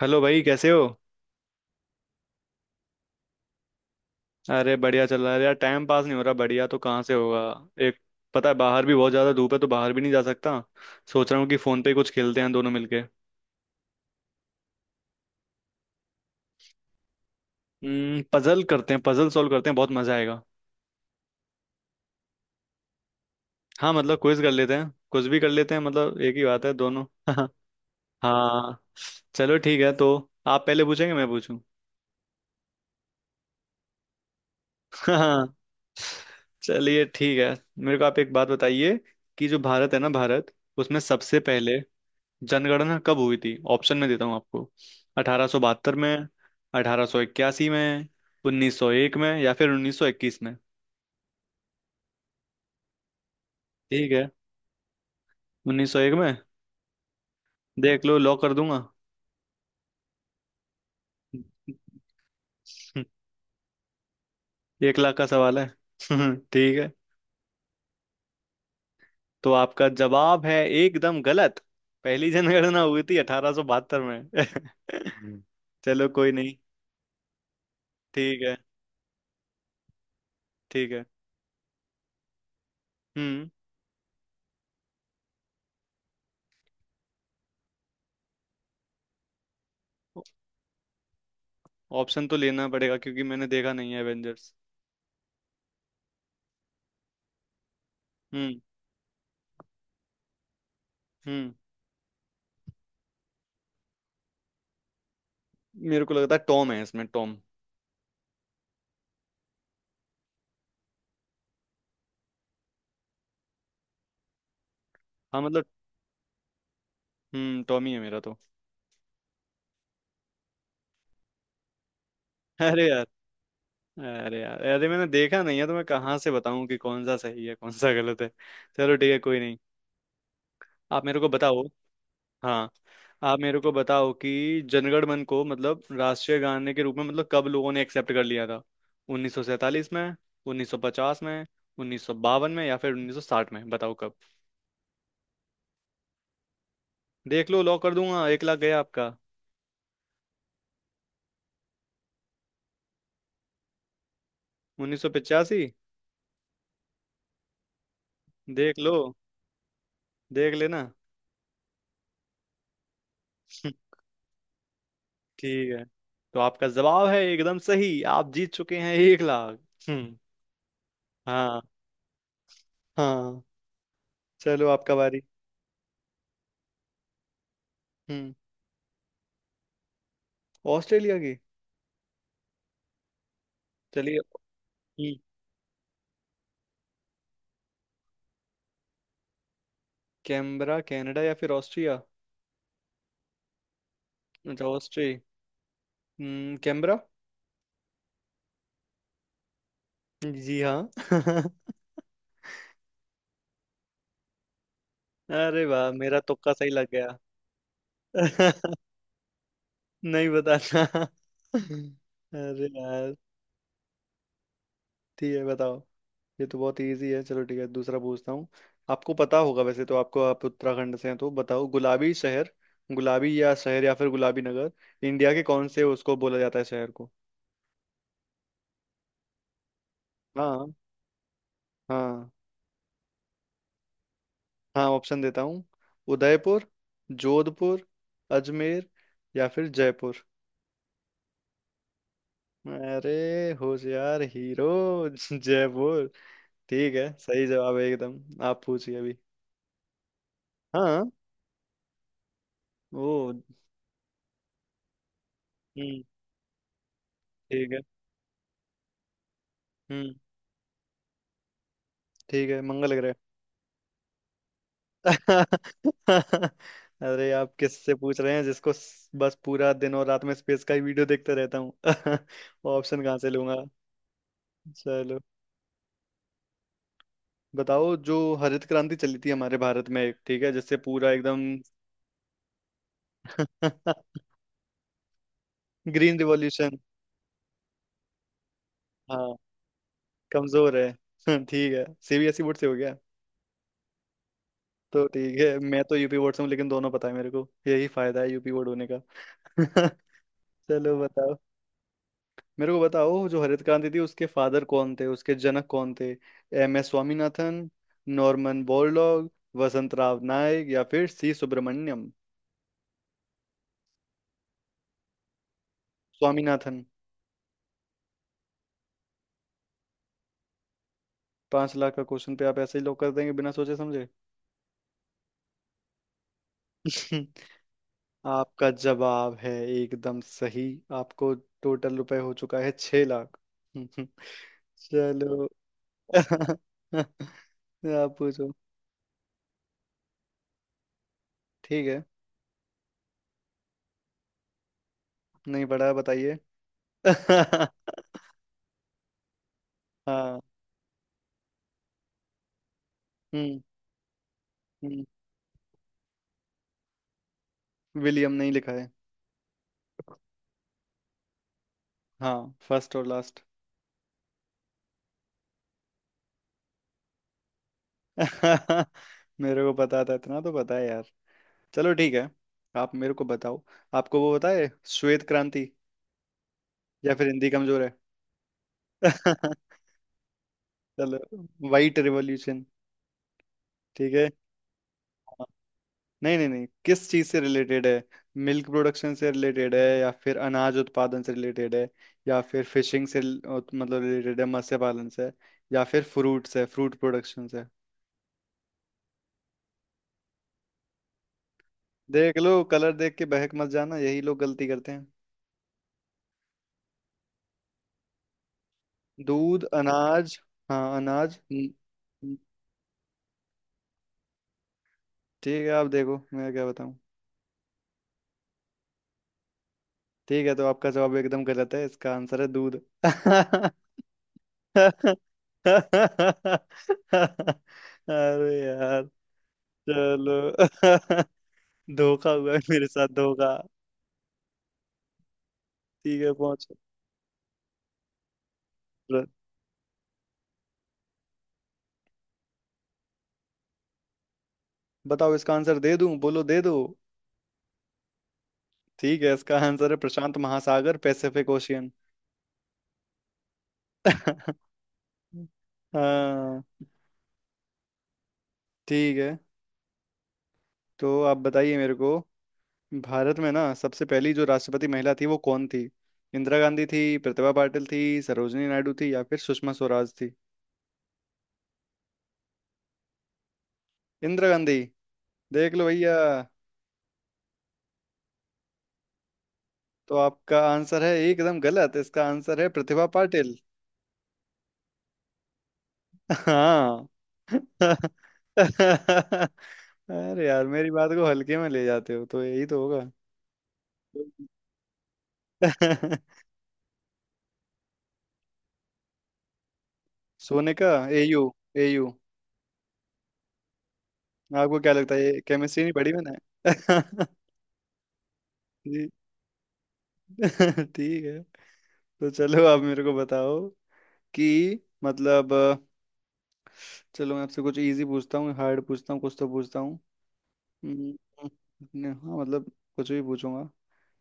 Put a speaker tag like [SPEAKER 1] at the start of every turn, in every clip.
[SPEAKER 1] Hello भाई कैसे हो। अरे बढ़िया चल रहा है यार। टाइम पास नहीं हो रहा, बढ़िया तो कहाँ से होगा। एक पता है, बाहर भी बहुत ज़्यादा धूप है तो बाहर भी नहीं जा सकता। सोच रहा हूँ कि फ़ोन पे ही कुछ खेलते हैं दोनों मिलके। पजल करते हैं, पजल सॉल्व करते हैं, बहुत मज़ा आएगा। हाँ मतलब क्विज कर लेते हैं, कुछ भी कर लेते हैं, मतलब एक ही बात है दोनों। हाँ। चलो ठीक है, तो आप पहले पूछेंगे मैं पूछूं। हाँ। चलिए ठीक है। मेरे को आप एक बात बताइए कि जो भारत है ना, भारत उसमें सबसे पहले जनगणना कब हुई थी। ऑप्शन में देता हूँ आपको। 1872 में, 1881 में, 1901 में या फिर 1921 में। ठीक है। 1901 में। देख लो, लॉक कर दूंगा। 1 लाख का सवाल है। ठीक है। तो आपका जवाब है एकदम गलत। पहली जनगणना हुई थी 1872 में। चलो कोई नहीं। ठीक है। ठीक है। हम्म। ऑप्शन तो लेना पड़ेगा क्योंकि मैंने देखा नहीं है एवेंजर्स। हम्म। हम्म। मेरे को लगता है टॉम है, इसमें टॉम। हाँ मतलब। टॉम ही है मेरा तो। अरे यार। अरे यार, अरे मैंने देखा नहीं है तो मैं कहाँ से बताऊं कि कौन सा सही है कौन सा गलत है। चलो ठीक है कोई नहीं। आप मेरे को बताओ। हाँ। आप मेरे को बताओ कि जनगण मन को मतलब राष्ट्रीय गाने के रूप में मतलब कब लोगों ने एक्सेप्ट कर लिया था। 1947 में, 1950 में, 1952 में या फिर 1960 में, बताओ कब। देख लो, लॉक कर दूंगा, 1 लाख गया आपका। 1985। देख लो, देख लेना। ठीक है। तो आपका जवाब है एकदम सही, आप जीत चुके हैं 1 लाख। हम्म। हाँ। हाँ। चलो आपका बारी। हम्म। ऑस्ट्रेलिया की। चलिए। हम्म, कैनबरा कनाडा या फिर ऑस्ट्रिया। अच्छा ऑस्ट्री। कैनबरा। जी हाँ। अरे वाह, मेरा तुक्का सही लग गया। नहीं बताना। अरे यार। ठीक है बताओ। ये तो बहुत इजी है, चलो ठीक है दूसरा पूछता हूँ। आपको पता होगा, वैसे तो आपको, आप उत्तराखंड से हैं तो बताओ, गुलाबी शहर, गुलाबी या शहर या फिर गुलाबी नगर, इंडिया के कौन से, उसको बोला जाता है शहर को। हाँ। हाँ। हाँ। ऑप्शन देता हूँ। उदयपुर, जोधपुर, अजमेर या फिर जयपुर। अरे होशियार हीरो। जयपुर। ठीक है सही जवाब है एकदम, आप पूछिए अभी। हाँ। ओ। हम्म ठीक है। हम्म ठीक है, मंगल ग्रह। अरे आप किससे पूछ रहे हैं, जिसको बस पूरा दिन और रात में स्पेस का ही वीडियो देखते रहता हूँ। ऑप्शन कहाँ से लूंगा। चलो। बताओ, जो हरित क्रांति चली थी हमारे भारत में ठीक है, जिससे पूरा एकदम। Green revolution. हाँ कमजोर है। ठीक है सीबीएसई बोर्ड से हो गया। तो ठीक है, मैं तो यूपी बोर्ड से हूँ, लेकिन दोनों पता है मेरे को, यही फायदा है यूपी बोर्ड होने का। चलो। मेरे को बताओ, जो हरित क्रांति थी उसके फादर कौन थे, उसके जनक कौन थे। M S Swaminathan, Norman Borlaug, Vasant Rao Naik या फिर सी सुब्रमण्यम। स्वामीनाथन। 5 लाख का क्वेश्चन पे आप ऐसे ही लोग कर देंगे बिना सोचे समझे। आपका जवाब है एकदम सही। आपको टोटल रुपए हो चुका है 6 लाख। चलो। आप पूछो। ठीक है। नहीं पढ़ा है, बताइए। हाँ। हम्म। हम्म। विलियम नहीं लिखा है। हाँ फर्स्ट और लास्ट। मेरे को पता था, इतना तो पता है यार। चलो ठीक है। आप मेरे को बताओ, आपको वो पता है, श्वेत क्रांति, या फिर हिंदी कमजोर है। चलो। White revolution. ठीक है। हाँ। नहीं नहीं नहीं, किस चीज से रिलेटेड है। मिल्क प्रोडक्शन से रिलेटेड है, या फिर अनाज उत्पादन से रिलेटेड है, या फिर फिशिंग से मतलब रिलेटेड है मत्स्य पालन से, या फिर फ्रूट से, फ्रूट प्रोडक्शन से। देख लो, कलर देख के बहक मत जाना, यही लोग गलती करते। दूध, अनाज। हाँ अनाज न- ठीक है, आप देखो, मैं क्या बताऊं। ठीक है, तो आपका जवाब एकदम गलत है, इसका आंसर है दूध। अरे यार। चलो। धोखा हुआ है मेरे साथ, धोखा। ठीक है पहुंचो। बताओ, इसका आंसर दे दूं, बोलो दे दो। ठीक है, इसका आंसर है प्रशांत महासागर, पैसिफिक ओशियन। हाँ। ठीक है। तो आप बताइए मेरे को, भारत में ना सबसे पहली जो राष्ट्रपति महिला थी वो कौन थी। इंदिरा गांधी थी, प्रतिभा पाटिल थी, सरोजिनी नायडू थी या फिर सुषमा स्वराज थी। इंदिरा गांधी। देख लो भैया। तो आपका आंसर है एकदम गलत, इसका आंसर है प्रतिभा पाटिल। हाँ। अरे यार, मेरी बात को हल्के में ले जाते हो तो यही तो होगा। सोने का। एयू। एयू। आपको क्या लगता है, ये केमिस्ट्री नहीं पढ़ी मैंने। जी। ठीक है। तो चलो, आप मेरे को बताओ कि मतलब चलो मैं आपसे कुछ इजी पूछता हूँ, हार्ड पूछता हूँ, कुछ तो पूछता हूँ। हम्म, नहीं, हाँ मतलब, कुछ भी पूछूंगा।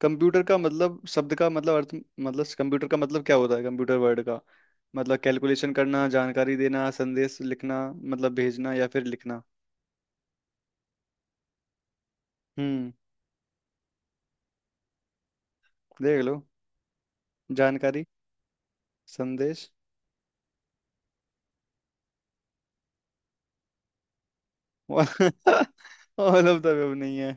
[SPEAKER 1] कंप्यूटर का मतलब, शब्द का मतलब, अर्थ, मतलब कंप्यूटर का मतलब क्या होता है, कंप्यूटर वर्ड का मतलब। कैलकुलेशन करना, जानकारी देना, संदेश लिखना मतलब भेजना, या फिर लिखना। हम्म। देख लो। जानकारी। संदेश। और। ऑल ऑफ द नहीं है।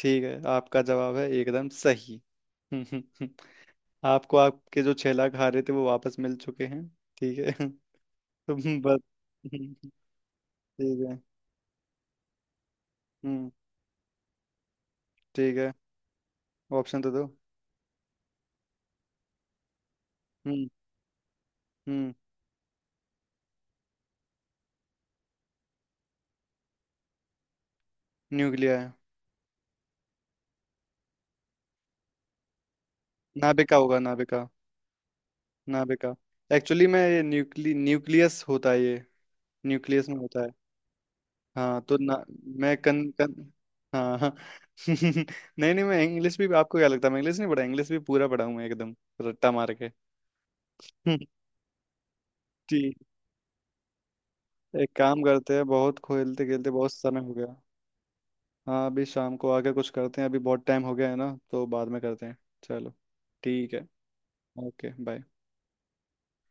[SPEAKER 1] ठीक है, आपका जवाब है एकदम सही। आपको, आपके जो 6 लाख हारे थे वो वापस मिल चुके हैं। ठीक है। तो बस, ठीक है। हम्म। ठीक है। ऑप्शन तो दो। हम्म। हम्म। न्यूक्लिया है। नाभिका होगा, नाभिका, नाभिका। एक्चुअली मैं ये न्यूक्ली न्यूक्लियस होता है ये, न्यूक्लियस में होता है। हाँ तो ना, मैं कन कन हाँ हाँ। नहीं नहीं, मैं इंग्लिश भी, आपको क्या लगता है मैं इंग्लिश नहीं पढ़ा, इंग्लिश भी पूरा पढ़ा हूँ मैं, एकदम रट्टा मार के। ठीक। एक काम करते हैं, बहुत खेलते खेलते, बहुत समय हो गया। हाँ, अभी शाम को आके कुछ करते हैं, अभी बहुत टाइम हो गया है ना तो बाद में करते हैं। चलो। ठीक है। Okay bye.